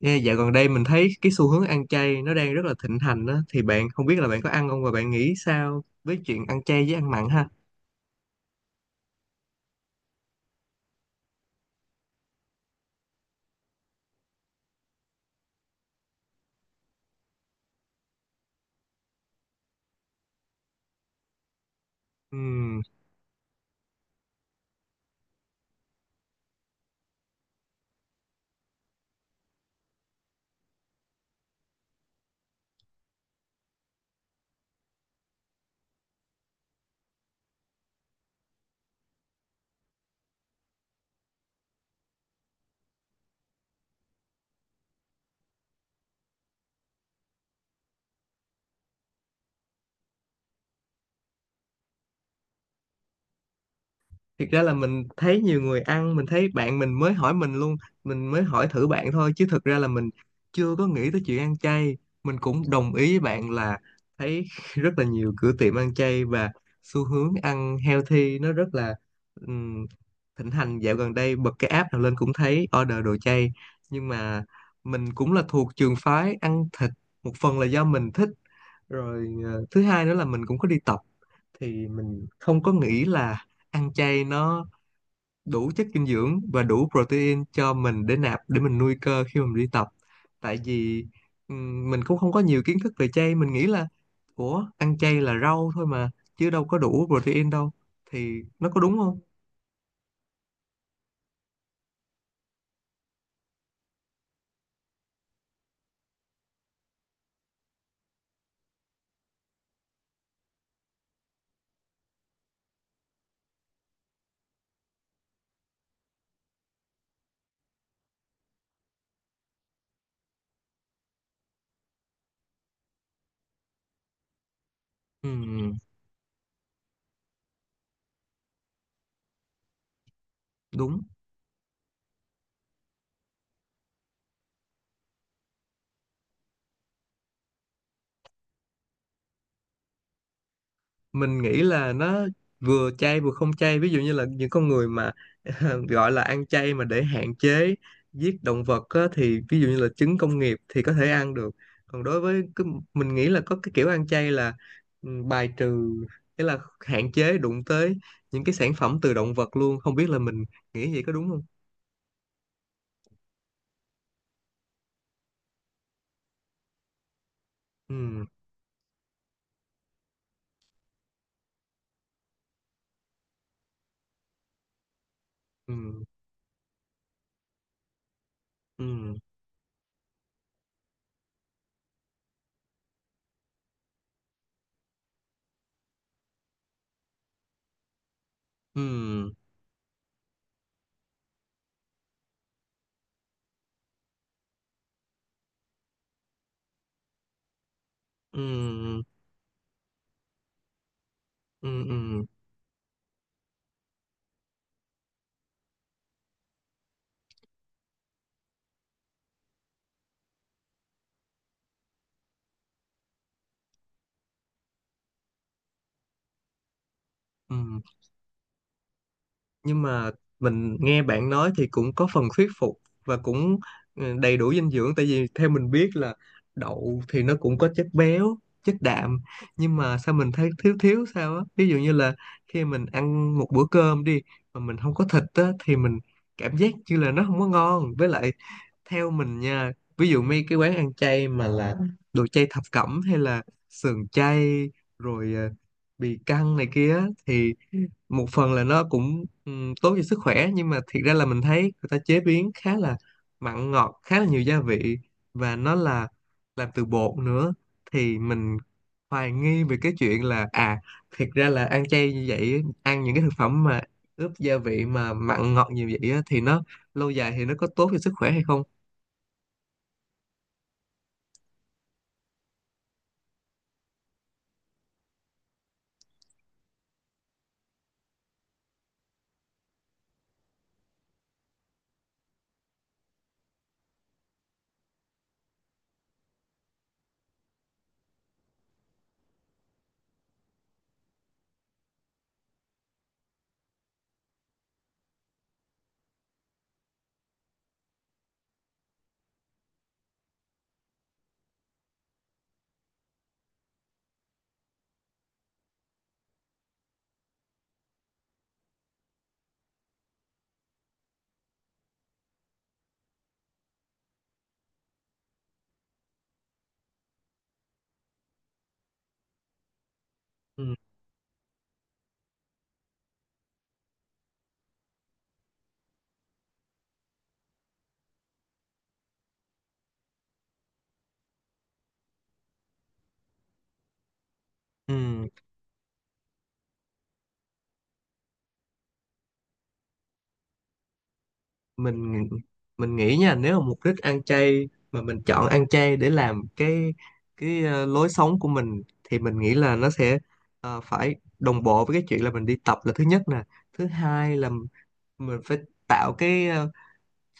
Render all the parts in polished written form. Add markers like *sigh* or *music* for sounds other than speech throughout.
Ê, dạo gần đây mình thấy cái xu hướng ăn chay nó đang rất là thịnh hành đó thì bạn không biết là bạn có ăn không và bạn nghĩ sao với chuyện ăn chay với ăn mặn ha? Ừ. Thực ra là mình thấy nhiều người ăn, mình thấy bạn mình mới hỏi mình luôn, mình mới hỏi thử bạn thôi chứ thực ra là mình chưa có nghĩ tới chuyện ăn chay. Mình cũng đồng ý với bạn là thấy *laughs* rất là nhiều cửa tiệm ăn chay và xu hướng ăn healthy nó rất là ừm, thịnh hành dạo gần đây, bật cái app nào lên cũng thấy order đồ chay. Nhưng mà mình cũng là thuộc trường phái ăn thịt, một phần là do mình thích, rồi thứ hai nữa là mình cũng có đi tập, thì mình không có nghĩ là ăn chay nó đủ chất dinh dưỡng và đủ protein cho mình để nạp để mình nuôi cơ khi mà mình đi tập. Tại vì mình cũng không có nhiều kiến thức về chay, mình nghĩ là ủa ăn chay là rau thôi mà chứ đâu có đủ protein đâu, thì nó có đúng không? Ừ, đúng. Mình nghĩ là nó vừa chay vừa không chay, ví dụ như là những con người mà *laughs* gọi là ăn chay mà để hạn chế giết động vật á, thì ví dụ như là trứng công nghiệp thì có thể ăn được. Còn đối với cái, mình nghĩ là có cái kiểu ăn chay là bài trừ, nghĩa là hạn chế đụng tới những cái sản phẩm từ động vật luôn, không biết là mình nghĩ vậy có đúng không? Ừ. Ừ. Ừ. Ừ. Ừ. Ừ. Ừ. Ừ. Nhưng mà mình nghe bạn nói thì cũng có phần thuyết phục, và cũng đầy đủ dinh dưỡng, tại vì theo mình biết là đậu thì nó cũng có chất béo, chất đạm, nhưng mà sao mình thấy thiếu thiếu sao á, ví dụ như là khi mình ăn một bữa cơm đi mà mình không có thịt á, thì mình cảm giác như là nó không có ngon. Với lại theo mình nha, ví dụ mấy cái quán ăn chay mà là đồ chay thập cẩm hay là sườn chay, rồi bì căng này kia á, thì một phần là nó cũng tốt cho sức khỏe, nhưng mà thiệt ra là mình thấy người ta chế biến khá là mặn ngọt, khá là nhiều gia vị và nó là làm từ bột nữa, thì mình hoài nghi về cái chuyện là thiệt ra là ăn chay như vậy, ăn những cái thực phẩm mà ướp gia vị mà mặn ngọt nhiều vậy á, thì nó lâu dài thì nó có tốt cho sức khỏe hay không. Ừ. Ừ. mình mình nghĩ nha, nếu mà mục đích ăn chay mà mình chọn ăn chay để làm cái lối sống của mình, thì mình nghĩ là nó sẽ phải đồng bộ với cái chuyện là mình đi tập, là thứ nhất nè. Thứ hai là mình phải tạo cái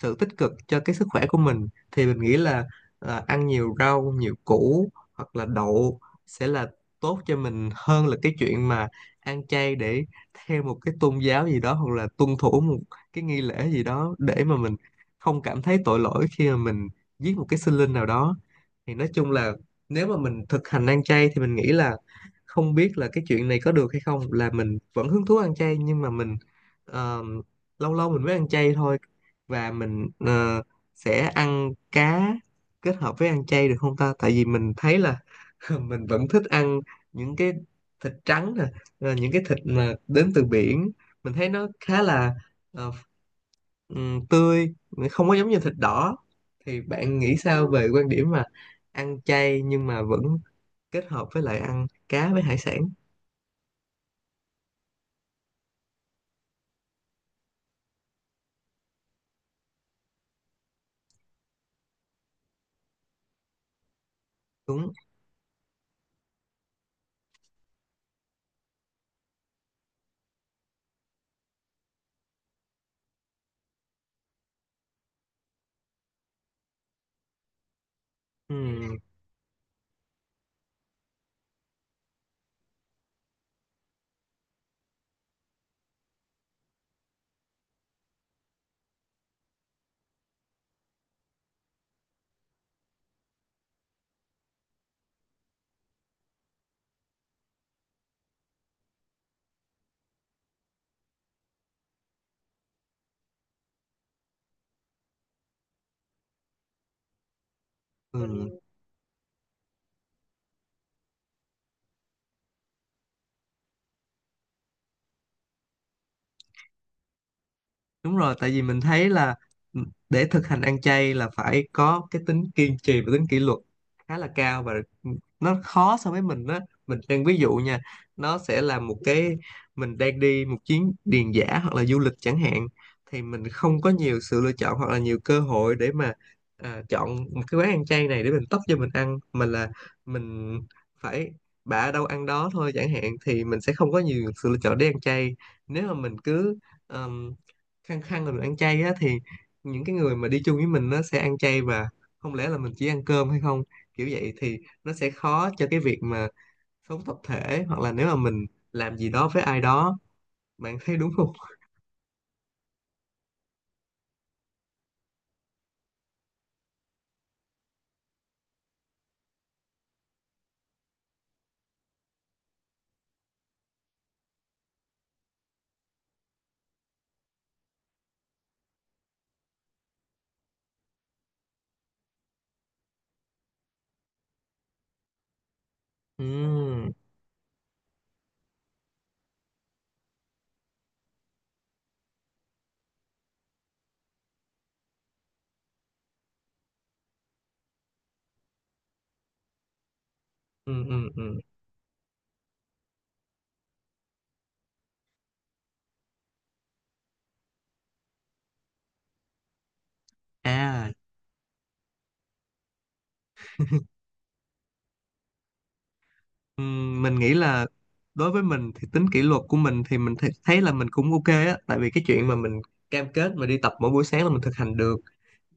sự tích cực cho cái sức khỏe của mình, thì mình nghĩ là ăn nhiều rau nhiều củ hoặc là đậu sẽ là tốt cho mình hơn là cái chuyện mà ăn chay để theo một cái tôn giáo gì đó hoặc là tuân thủ một cái nghi lễ gì đó để mà mình không cảm thấy tội lỗi khi mà mình giết một cái sinh linh nào đó. Thì nói chung là nếu mà mình thực hành ăn chay thì mình nghĩ là, không biết là cái chuyện này có được hay không, là mình vẫn hứng thú ăn chay nhưng mà mình ờ, lâu lâu mình mới ăn chay thôi, và mình sẽ ăn cá kết hợp với ăn chay được không ta, tại vì mình thấy là *laughs* mình vẫn thích ăn những cái thịt trắng nè, những cái thịt mà đến từ biển, mình thấy nó khá là ờ, tươi, không có giống như thịt đỏ. Thì bạn nghĩ sao về quan điểm mà ăn chay nhưng mà vẫn kết hợp với lại ăn cá với hải sản? Đúng. Ừm. Ừm. Đúng rồi, tại vì mình thấy là để thực hành ăn chay là phải có cái tính kiên trì và tính kỷ luật khá là cao, và nó khó so với mình đó. Mình đang ví dụ nha, nó sẽ là một cái mình đang đi một chuyến điền dã hoặc là du lịch chẳng hạn, thì mình không có nhiều sự lựa chọn hoặc là nhiều cơ hội để mà chọn một cái quán ăn chay này để mình tấp cho mình ăn, mà là mình phải bả đâu ăn đó thôi chẳng hạn, thì mình sẽ không có nhiều sự lựa chọn để ăn chay. Nếu mà mình cứ khăng khăng là được ăn chay á, thì những cái người mà đi chung với mình nó sẽ ăn chay, và không lẽ là mình chỉ ăn cơm hay không, kiểu vậy thì nó sẽ khó cho cái việc mà sống tập thể, hoặc là nếu mà mình làm gì đó với ai đó, bạn thấy đúng không? *laughs* Ừ. Ừ. Ừ. Ừ. À. Mình nghĩ là đối với mình thì tính kỷ luật của mình thì mình thấy là mình cũng ok á, tại vì cái chuyện mà mình cam kết mà đi tập mỗi buổi sáng là mình thực hành được.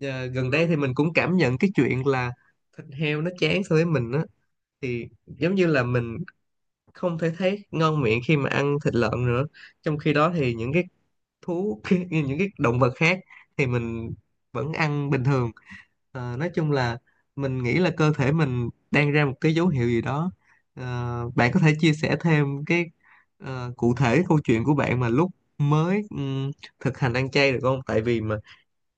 Gần đây thì mình cũng cảm nhận cái chuyện là thịt heo nó chán so với mình á, thì giống như là mình không thể thấy ngon miệng khi mà ăn thịt lợn nữa, trong khi đó thì những cái thú *laughs* như những cái động vật khác thì mình vẫn ăn bình thường. Nói chung là mình nghĩ là cơ thể mình đang ra một cái dấu hiệu gì đó. Ờ, bạn có thể chia sẻ thêm cái cụ thể câu chuyện của bạn mà lúc mới thực hành ăn chay được không, tại vì mà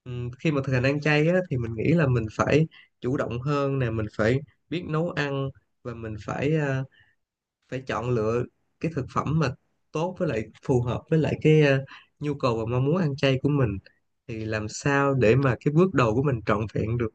khi mà thực hành ăn chay á, thì mình nghĩ là mình phải chủ động hơn nè, mình phải biết nấu ăn, và mình phải phải chọn lựa cái thực phẩm mà tốt với lại phù hợp với lại cái nhu cầu và mong muốn ăn chay của mình, thì làm sao để mà cái bước đầu của mình trọn vẹn được.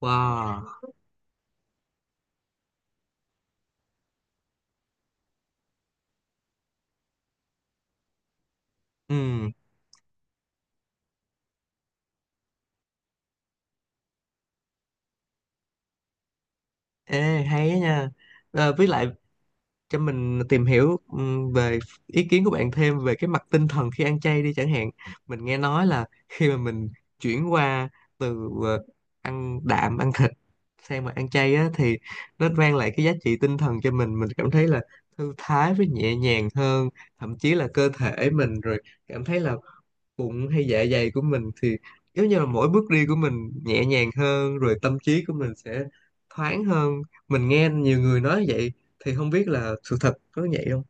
Wow. Ừ. Ê, hay á nha. Ờ, với lại cho mình tìm hiểu về ý kiến của bạn thêm về cái mặt tinh thần khi ăn chay đi, chẳng hạn mình nghe nói là khi mà mình chuyển qua từ ăn đạm ăn thịt sang mà ăn chay á, thì nó mang lại cái giá trị tinh thần cho mình cảm thấy là thư thái với nhẹ nhàng hơn, thậm chí là cơ thể mình rồi cảm thấy là bụng hay dạ dày của mình thì giống như là mỗi bước đi của mình nhẹ nhàng hơn, rồi tâm trí của mình sẽ thoáng hơn. Mình nghe nhiều người nói vậy thì không biết là sự thật có vậy không?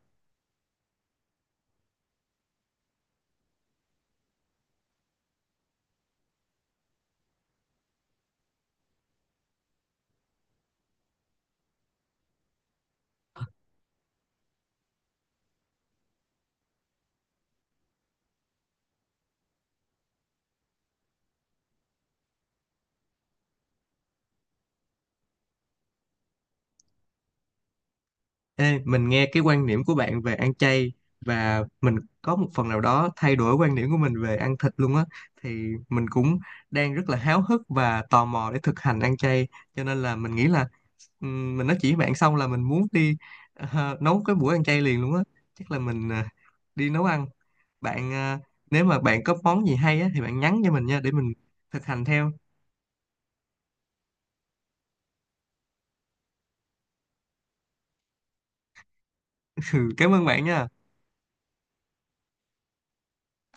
Ê, mình nghe cái quan điểm của bạn về ăn chay và mình có một phần nào đó thay đổi quan điểm của mình về ăn thịt luôn á, thì mình cũng đang rất là háo hức và tò mò để thực hành ăn chay, cho nên là mình nghĩ là mình nói chuyện với bạn xong là mình muốn đi nấu cái buổi ăn chay liền luôn á, chắc là mình đi nấu ăn. Bạn nếu mà bạn có món gì hay á thì bạn nhắn cho mình nha để mình thực hành theo. *laughs* Ừ, cảm ơn bạn nha.